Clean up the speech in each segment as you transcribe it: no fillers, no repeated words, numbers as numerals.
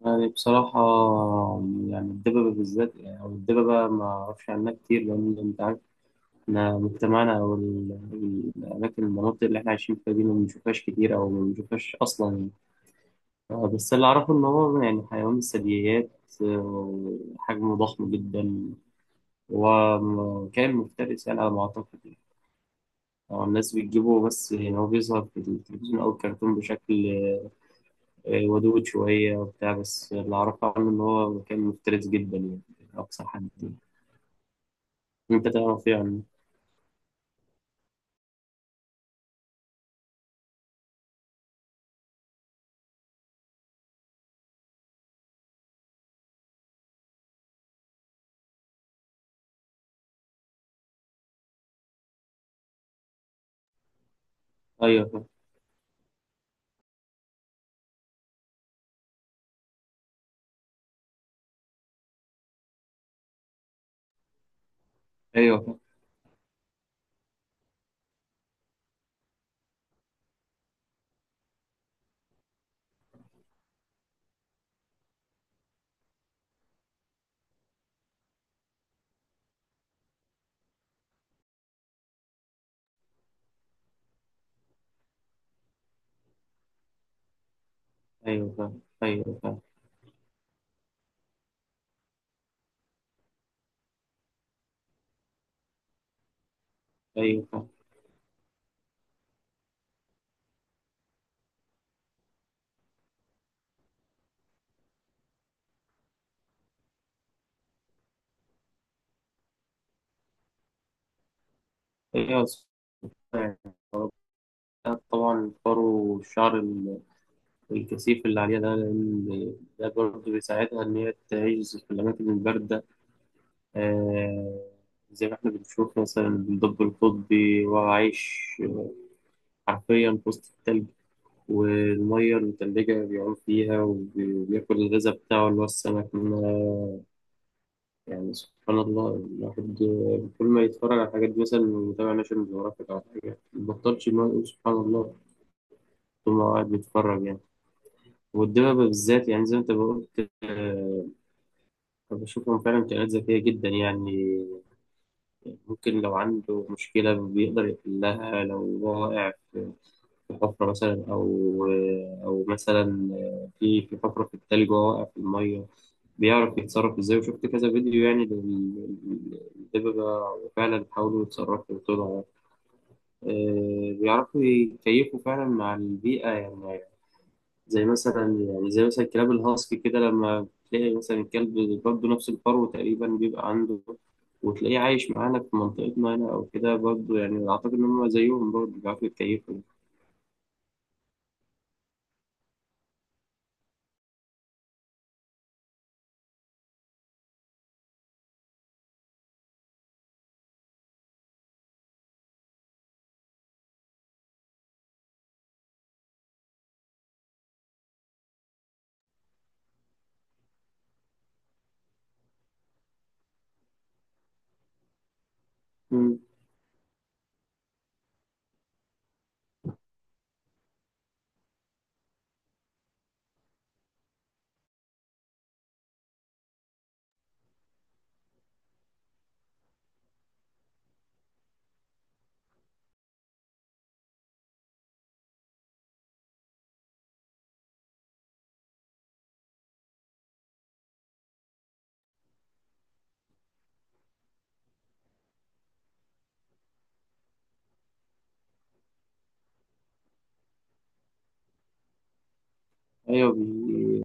يعني بصراحة يعني الدببة بالذات يعني أو الدببة ما أعرفش عنها كتير لأن أنت عارف إحنا مجتمعنا أو الأماكن اللي إحنا عايشين فيها دي ما بنشوفهاش كتير أو ما بنشوفهاش أصلا يعني. بس اللي أعرفه إن هو يعني حيوان من الثدييات. حجمه ضخم جدا وكائن مفترس يعني على ما أعتقد يعني. الناس بتجيبه بس يعني هو بيظهر في التلفزيون أو الكرتون بشكل ودود شوية وبتاع، بس اللي أعرفه عنه إن هو مكان مفترس جدا يعني أقصى حد يعني. أنت تعرف إيه عنه؟ أيوه، فاهم. أيوه، فاهم. أيوه، فاهم. أيوه، فاهم. أيوه، فاهم. أيوه، فاهم. طبعا الفرو والشعر الكثيف اللي عليها ده، لأن ده برضه بيساعدها إن هي تعيش في الأماكن الباردة. آه زي ما إحنا بنشوف مثلا الدب القطبي، وعايش حرفيا في وسط التلج والمية المتلجة، بيعوم فيها وبياكل الغذاء بتاعه اللي هو السمك منها. يعني سبحان الله، الواحد كل ما يتفرج على الحاجات دي مثلا ويتابع ناشونال جيوغرافيك أو حاجة مبطلش إن هو يقول سبحان الله طول ما هو قاعد بيتفرج يعني. والدببة بالذات، يعني زي ما أنت قلت، بشوفهم فعلا كائنات ذكية جدا يعني. ممكن لو عنده مشكلة بيقدر يحلها، لو هو واقع في في حفرة مثلا أو أو مثلا في في حفرة في التلج وهو واقع في المية، بيعرف يتصرف إزاي. وشفت كذا فيديو يعني للدببة فعلا بيحاولوا يتصرفوا وطلعوا. بيعرفوا يكيفوا فعلا مع البيئة يعني. زي مثلا، يعني زي مثلا الكلاب الهاسكي كده، لما تلاقي مثلا الكلب برضه نفس الفرو تقريبا بيبقى عنده، وتلاقيه عايش معانا في منطقتنا هنا أو كده برضه، يعني أعتقد إن هم زيهم برضه بيعرفوا يتكيفوا. مم. أيوة،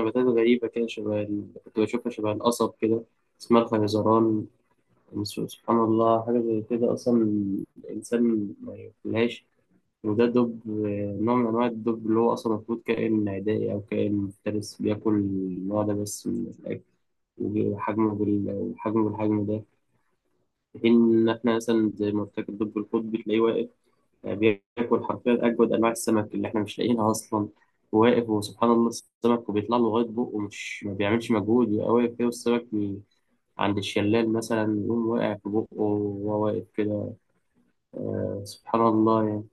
نباتات غريبة كده، شبه كنت بشوفها شبه القصب كده، اسمها الخيزران. بس سبحان الله، حاجة زي كده أصلا الإنسان ما ياكلهاش، وده دب، نوع من أنواع الدب اللي هو أصلا المفروض كائن عدائي أو كائن مفترس، بياكل النوع ده بس من الأكل. وحجمه والحجم بالحجم ده، في حين إن إحنا مثلا زي ما قلت لك الدب القطبي تلاقيه واقف. بياكل حرفيا أجود أنواع السمك اللي إحنا مش لاقيينها أصلا، وواقف، وسبحان الله، السمك وبيطلع له لغاية بقه، ومش ما بيعملش مجهود، يبقى واقف كده والسمك عند الشلال مثلا يقوم واقع في بقه وهو واقف كده. آه، سبحان الله يعني.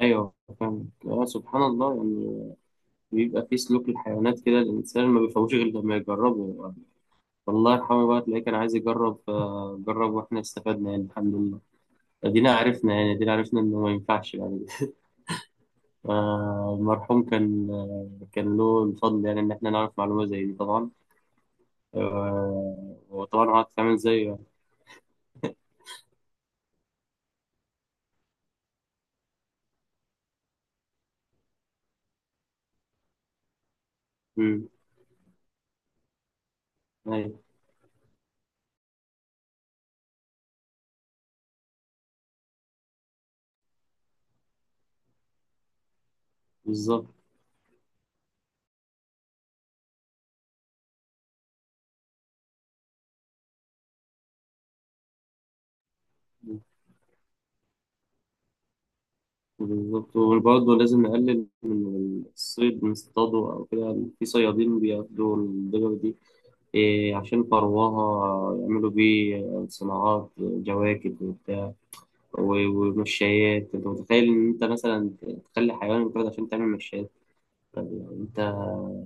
أيوه، فاهم. آه، سبحان الله يعني. بيبقى في سلوك الحيوانات كده، الإنسان ما بيفهموش غير لما يجربه، والله الحمد بقى تلاقيه كان عايز يجرب فجرب، واحنا استفدنا يعني الحمد لله. ادينا عرفنا يعني، ادينا عرفنا انه ما ينفعش يعني. المرحوم كان، كان له الفضل يعني ان احنا نعرف معلومة زي دي. طبعا، وطبعا هو هتتعمل زيه يعني. أمم، ايوه، بالظبط. بالظبط، وبرضه لازم نقلل من الصيد، نصطاده او كده. في صيادين بياخدوا الدجاجة دي، إيه، عشان فرواها يعملوا بيه صناعات جواكت ومشايات. انت متخيل ان انت مثلا تخلي حيوان يتولد عشان تعمل مشايات؟ طب يعني انت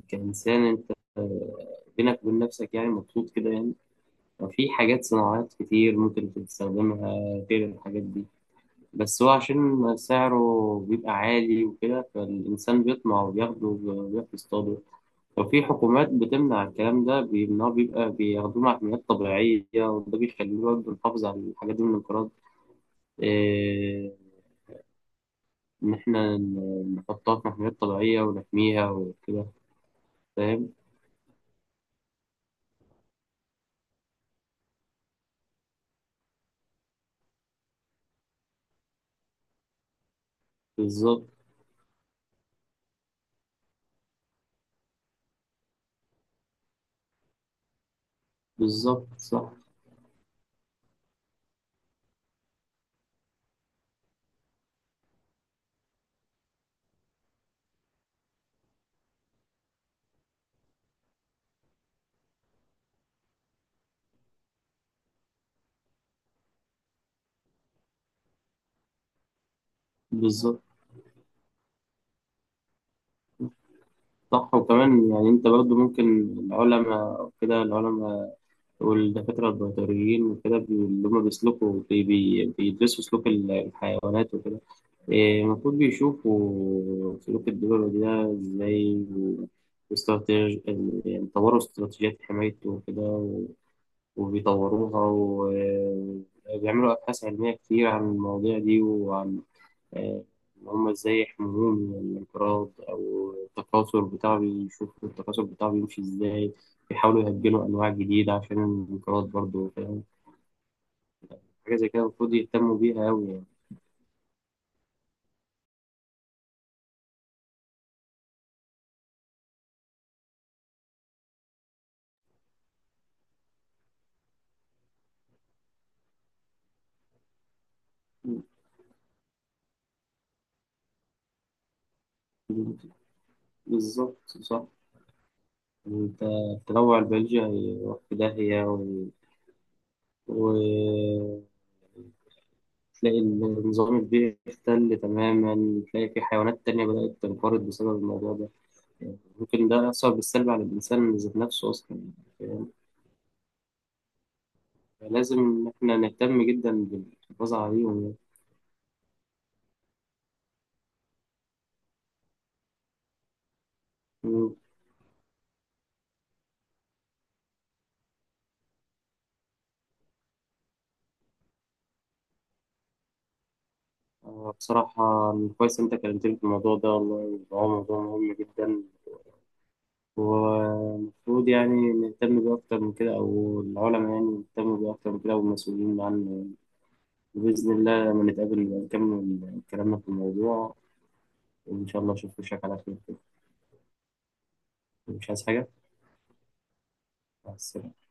كإنسان انت، بينك وبين نفسك يعني مبسوط كده يعني؟ في حاجات صناعات كتير ممكن تستخدمها غير الحاجات دي، بس هو عشان سعره بيبقى عالي وكده، فالإنسان بيطمع وبياخده وبيروح يصطاده. وفي حكومات بتمنع الكلام ده، بيمنعه بيبقى بياخدوه مع حملات طبيعية، وده بيخليه برضه يحافظ على الحاجات دي من الانقراض. آه، إن إحنا نحطها في محميات طبيعية ونحميها وكده. فاهم؟ بالظبط. بالظبط، صح. بالظبط، صح. وكمان يعني أنت برضه ممكن العلماء أو كده العلماء والدكاترة البيطريين وكده، اللي هما بيسلكوا بي بي بيدرسوا سلوك الحيوانات وكده. إيه، المفروض بيشوفوا سلوك الدببة ده إزاي، واستراتيج يعني طوروا استراتيجيات حمايته وكده، وبيطوروها وبيعملوا أبحاث علمية كتير عن المواضيع دي، وعن آه، إن هما إزاي يحموهم من الانقراض أو التكاثر بتاعه. بيشوفوا التكاثر بتاعه بيمشي إزاي، بيحاولوا يهجنوا أنواع جديدة عشان الانقراض برضه، فاهم؟ حاجة زي كده المفروض يهتموا بيها أوي يعني. بالظبط، صح. انت، التنوع البيولوجي هيروح في داهية و... تلاقي النظام البيئي اختل تماما، تلاقي في حيوانات تانية بدأت تنقرض بسبب الموضوع ده. يعني ممكن ده يأثر بالسلب على الإنسان ذات نفسه أصلا، يعني لازم إن إحنا نهتم جدا بالحفاظ عليهم يعني. مم. بصراحة كويس إن أنت كلمتني في الموضوع ده، والله هو موضوع مهم جدا، والمفروض يعني نهتم بيه أكتر من كده، أو العلماء يعني يهتموا بيه أكتر من كده، والمسؤولين عنه. وبإذن الله لما نتقابل نبقى نكمل كلامنا في الموضوع. إن شاء الله أشوف وشك على خير كده. مش عايز حاجة؟ مع السلامة.